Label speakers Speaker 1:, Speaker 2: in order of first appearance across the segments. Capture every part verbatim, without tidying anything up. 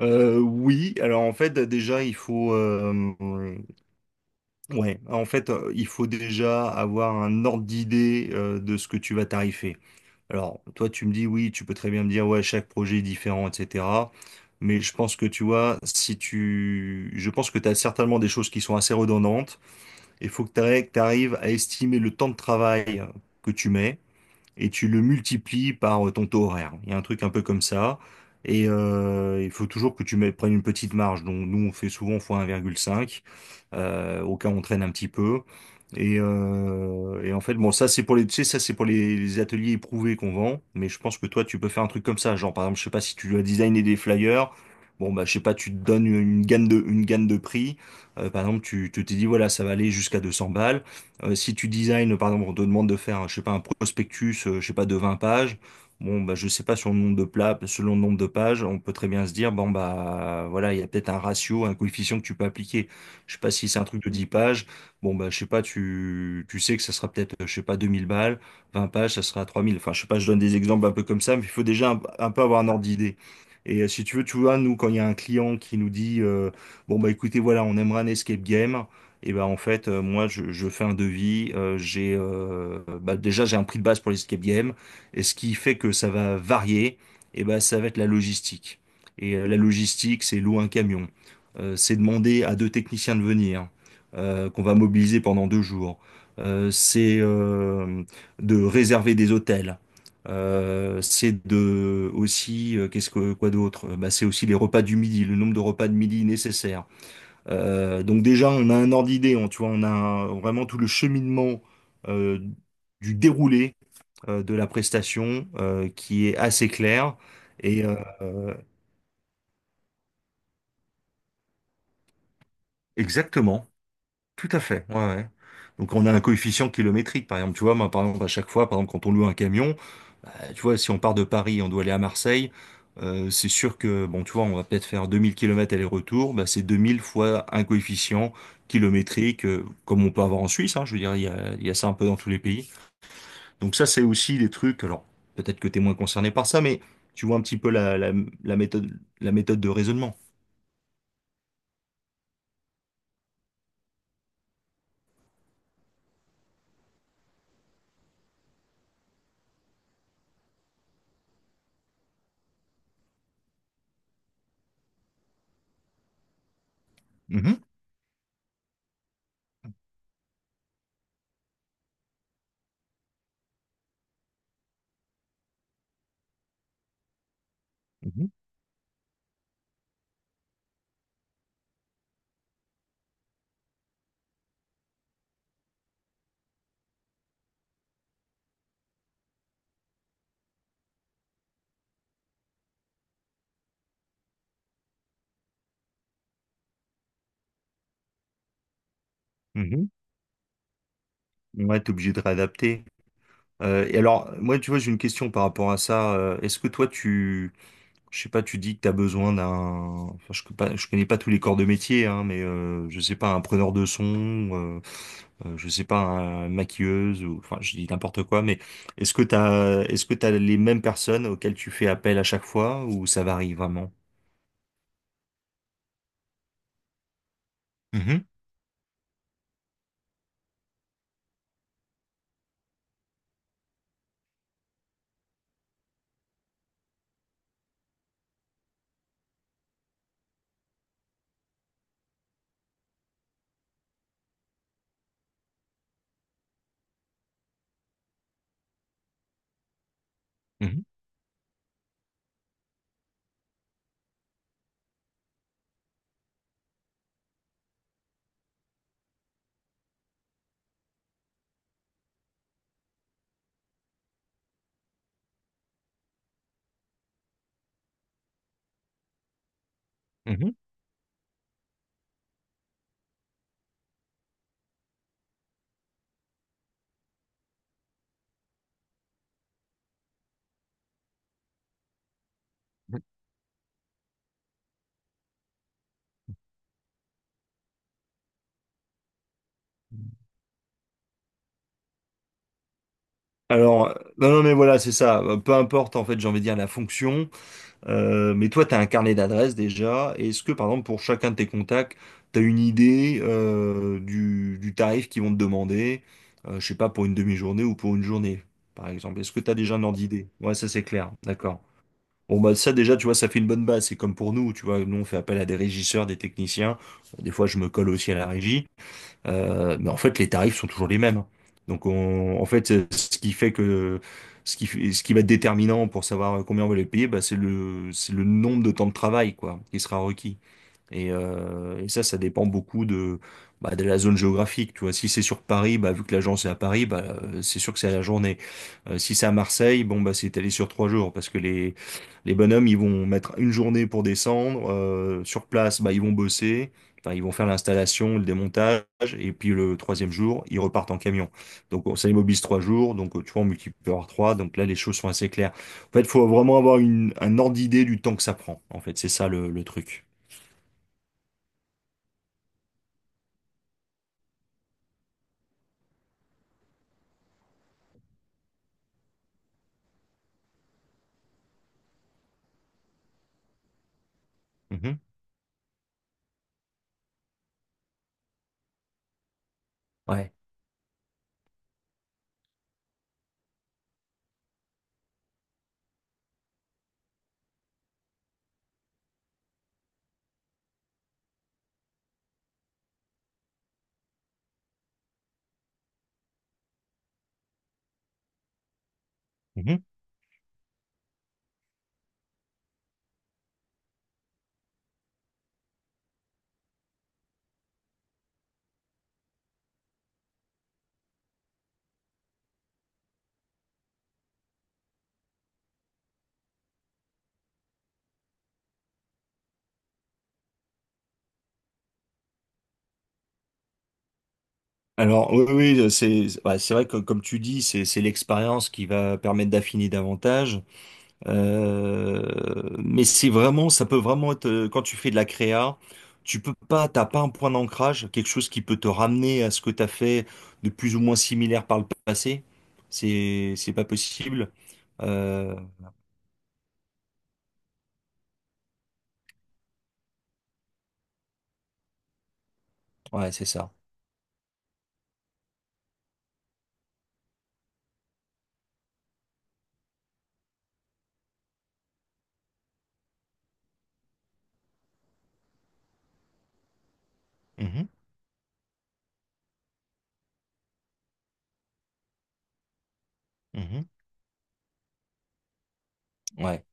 Speaker 1: Euh, oui, alors en fait déjà il faut, euh, ouais, en fait, euh, il faut déjà avoir un ordre d'idée euh, de ce que tu vas tarifer. Alors, toi tu me dis oui, tu peux très bien me dire ouais chaque projet est différent, et cetera. Mais je pense que tu vois, si tu je pense que tu as certainement des choses qui sont assez redondantes. Il faut que tu arrives à estimer le temps de travail que tu mets et tu le multiplies par euh, ton taux horaire. Il y a un truc un peu comme ça. Et euh, il faut toujours que tu mets- prennes une petite marge. Donc nous, on fait souvent fois un virgule cinq, euh, au cas où on traîne un petit peu. Et, euh, et en fait, bon, ça c'est pour les, tu sais, ça c'est pour les, les ateliers éprouvés qu'on vend. Mais je pense que toi, tu peux faire un truc comme ça. Genre, par exemple, je sais pas si tu dois designer des flyers. Bon, bah, je sais pas, tu te donnes une, une gamme de, une gamme de prix. Euh, par exemple, tu, tu t'es dit, voilà, ça va aller jusqu'à deux cents balles. Euh, si tu design, par exemple, on te demande de faire, je sais pas, un prospectus, euh, je sais pas, de vingt pages, bon, bah, je sais pas, sur le nombre de plats, selon le nombre de pages, on peut très bien se dire, bon, bah, voilà, il y a peut-être un ratio, un coefficient que tu peux appliquer. Je sais pas si c'est un truc de dix pages, bon, bah, je sais pas, tu, tu sais que ça sera peut-être, je sais pas, deux mille balles, vingt pages, ça sera trois mille. Enfin, je sais pas, je donne des exemples un peu comme ça, mais il faut déjà un, un peu avoir un ordre d'idée. Et euh, si tu veux, tu vois, nous, quand il y a un client qui nous dit, euh, bon, bah, écoutez, voilà, on aimerait un escape game. Et ben en fait, euh, moi, je, je fais un devis. Euh, j'ai, euh, bah, déjà j'ai un prix de base pour les escape games. Et ce qui fait que ça va varier, et ben ça va être la logistique. Et euh, la logistique, c'est louer un camion. Euh, c'est demander à deux techniciens de venir, euh, qu'on va mobiliser pendant deux jours. Euh, c'est, euh, de réserver des hôtels. Euh, c'est de aussi, euh, qu'est-ce que quoi d'autre? Euh, Bah, c'est aussi les repas du midi, le nombre de repas de midi nécessaires. Euh, donc déjà, on a un ordre d'idée, on, tu vois, on a un- vraiment tout le cheminement, euh, du déroulé, euh, de la prestation, euh, qui est assez clair. Et euh, euh, Exactement, tout à fait. Ouais, ouais. Donc on a un coefficient kilométrique, par exemple. Tu vois, moi, par exemple, à chaque fois, par exemple, quand on loue un camion, euh, tu vois, si on part de Paris, on doit aller à Marseille. Euh, c'est sûr que, bon, tu vois, on va peut-être faire deux mille kilomètres aller-retour, bah, c'est deux mille fois un coefficient kilométrique, euh, comme on peut avoir en Suisse, hein, je veux dire, il y a, il y a ça un peu dans tous les pays. Donc ça, c'est aussi des trucs, alors peut-être que tu es moins concerné par ça, mais tu vois un petit peu la, la, la méthode, la méthode de raisonnement. Mhm, mhm, mhm. Ouais, t'es obligé de réadapter. Euh, et alors, moi, tu vois, j'ai une question par rapport à ça. Euh, est-ce que toi, tu, je sais pas, tu dis que tu as besoin d'un... Enfin, je, connais pas- je connais pas tous les corps de métier, hein, mais euh, je sais pas, un preneur de son, euh, euh, je sais pas, un une maquilleuse, ou... enfin, je dis n'importe quoi, mais est-ce que t'as, est-ce que t'as les mêmes personnes auxquelles tu fais appel à chaque fois, ou ça varie vraiment? Mhm, mhm, mhm, mhm. Alors, euh, non, non, mais voilà, c'est ça. Euh, Peu importe, en fait, j'ai envie de dire la fonction. Euh, mais toi, tu as un carnet d'adresses déjà. Est-ce que, par exemple, pour chacun de tes contacts, tu as une idée, euh, du, du tarif qu'ils vont te demander, euh, je sais pas, pour une demi-journée ou pour une journée, par exemple? Est-ce que tu as déjà un ordre d'idée? Ouais, ça c'est clair, d'accord. Bon, bah ça déjà, tu vois, ça fait une bonne base. C'est comme pour nous, tu vois, nous on fait appel à des régisseurs, des techniciens. Bon, des fois, je me colle aussi à la régie. Euh, mais en fait, les tarifs sont toujours les mêmes. Donc, on- en fait, ce qui fait que ce qui, fait- ce qui va être déterminant pour savoir combien on va les payer, bah, c'est le, c'est le nombre de temps de travail, quoi, qui sera requis. Et, euh, et ça, ça dépend beaucoup de, bah, de la zone géographique. Tu vois, si c'est sur Paris, bah, vu que l'agence est à Paris, bah, euh, c'est sûr que c'est à la journée. Euh, si c'est à Marseille, bon, bah, c'est étalé sur trois jours parce que les, les bonhommes, ils vont mettre une journée pour descendre. Euh, sur place, bah, ils vont bosser. Enfin, ils vont faire l'installation, le démontage, et puis le troisième jour, ils repartent en camion. Donc on- ça immobilise trois jours, donc, euh, tu vois, on multiplie par trois, donc là les choses sont assez claires. En fait, il faut vraiment avoir une, un ordre d'idée du temps que ça prend. En fait, c'est ça le, le truc. Ouais. Mhm. Alors, oui, oui, c'est ouais, c'est vrai que, comme tu dis, c'est c'est l'expérience qui va permettre d'affiner davantage. Euh, mais c'est vraiment, ça peut vraiment être, euh, quand tu fais de la créa, tu peux pas, t'as pas un point d'ancrage, quelque chose qui peut te ramener à ce que t'as fait de plus ou moins similaire par le passé. C'est c'est pas possible. Euh, ouais, c'est ça. Mhm. Mhm. Ouais,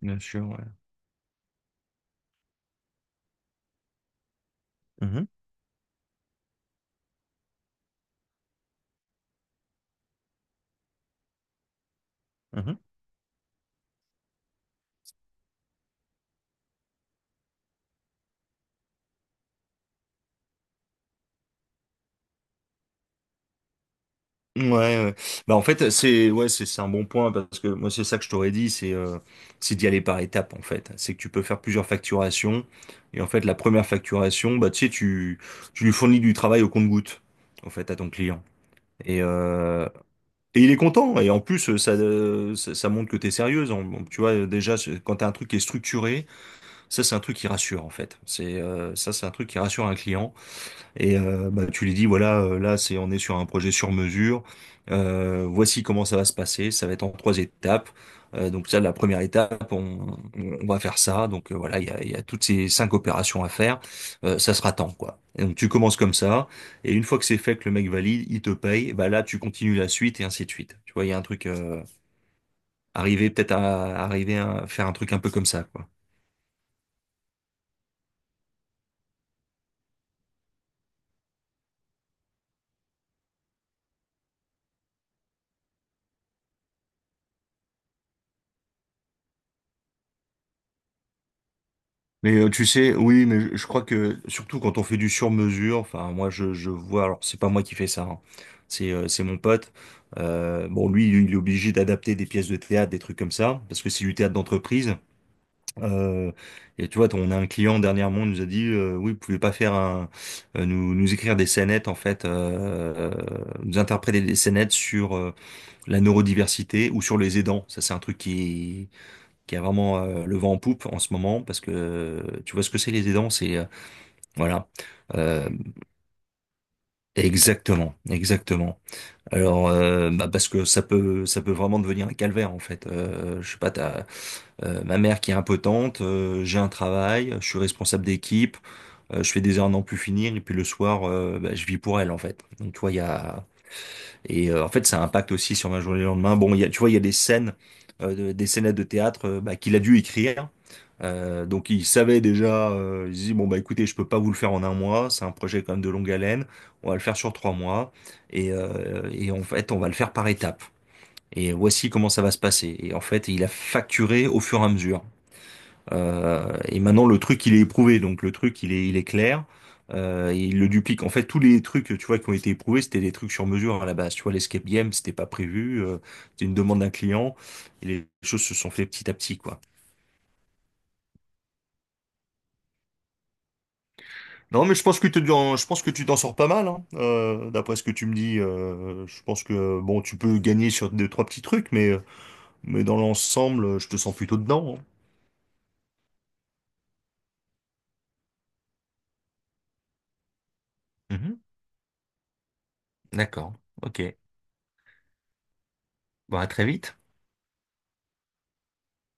Speaker 1: bien sûr, ouais. Mhm. Mhm. Ouais, ouais. Bah en fait, c'est ouais c'est c'est un bon point parce que moi c'est ça que je t'aurais dit, c'est euh, c'est d'y aller par étapes, en fait, c'est que tu peux faire plusieurs facturations, et en fait la première facturation, bah tu sais, tu tu lui fournis du travail au compte-goutte, en fait, à ton client. Et euh, et il est content, et en plus ça, euh, ça, ça montre que t'es sérieuse. En- en- tu vois déjà, c'est- quand t'as un truc qui est structuré, ça c'est un truc qui rassure, en fait, c'est euh, ça c'est un truc qui rassure un client. Et euh, bah, tu lui dis, voilà, euh, là, c'est, on est sur un projet sur mesure. Euh, voici comment ça va se passer. Ça va être en trois étapes. Euh, donc ça, la première étape, on, on- on va faire ça. Donc, euh, voilà, il y a, il y a toutes ces cinq opérations à faire. Euh, ça sera temps, quoi. Et donc tu commences comme ça. Et une fois que c'est fait, que le mec valide, il te paye. Bah là, tu continues la suite et ainsi de suite. Tu vois, il y a un truc, euh, arriver peut-être à arriver à faire un truc un peu comme ça, quoi. Mais euh, tu sais, oui, mais je je crois que surtout quand on fait du sur-mesure, enfin moi je, je vois, alors c'est pas moi qui fais ça, hein. C'est euh, c'est mon pote. Euh, bon, lui il est obligé d'adapter des pièces de théâtre, des trucs comme ça, parce que c'est du théâtre d'entreprise. Euh, et tu vois, on a un client dernièrement, il nous a dit, euh, oui, vous pouvez pas faire un, euh, nous, nous écrire des scénettes, en fait, euh, nous interpréter des scénettes sur, euh, la neurodiversité ou sur les aidants. Ça, c'est un truc qui qui a vraiment, euh, le vent en poupe en ce moment, parce que, euh, tu vois ce que c'est les aidants, c'est euh, voilà. Euh, Exactement, exactement. Alors euh, bah, parce que ça peut ça peut vraiment devenir un calvaire, en fait. Euh, je sais pas, t'as Euh, ma mère qui est impotente, euh, j'ai un travail, je suis responsable d'équipe, euh, je fais des heures à n'en plus finir, et puis le soir, euh, bah, je vis pour elle en fait. Donc tu vois, il y a et euh, en fait ça impacte aussi sur ma journée le lendemain. Bon, il y a, tu vois, il y a des scènes, euh, de- des scénettes de théâtre, euh, bah, qu'il a dû écrire. Euh, donc il savait déjà, euh, il se dit bon bah écoutez, je peux pas vous le faire en un mois, c'est un projet quand même de longue haleine, on va le faire sur trois mois et, euh, et en fait on va le faire par étapes. Et voici comment ça va se passer. Et en fait, il a facturé au fur et à mesure. Euh, et maintenant, le truc, il est éprouvé. Donc, le truc, il est, il est clair. Euh, et il le duplique. En fait, tous les trucs, tu vois, qui ont été éprouvés, c'était des trucs sur mesure, hein, à la base. Tu vois, l'escape game, c'était pas prévu. Euh, c'était une demande d'un client. Et les choses se sont fait petit à petit, quoi. Non, mais je pense que tu t'en, je pense que tu t'en sors pas mal, hein. Euh, d'après ce que tu me dis. Euh, je pense que, bon, tu peux gagner sur deux, trois petits trucs, mais, mais dans l'ensemble, je te sens plutôt dedans. Hein. Mhm. D'accord. Ok. Bon, à très vite.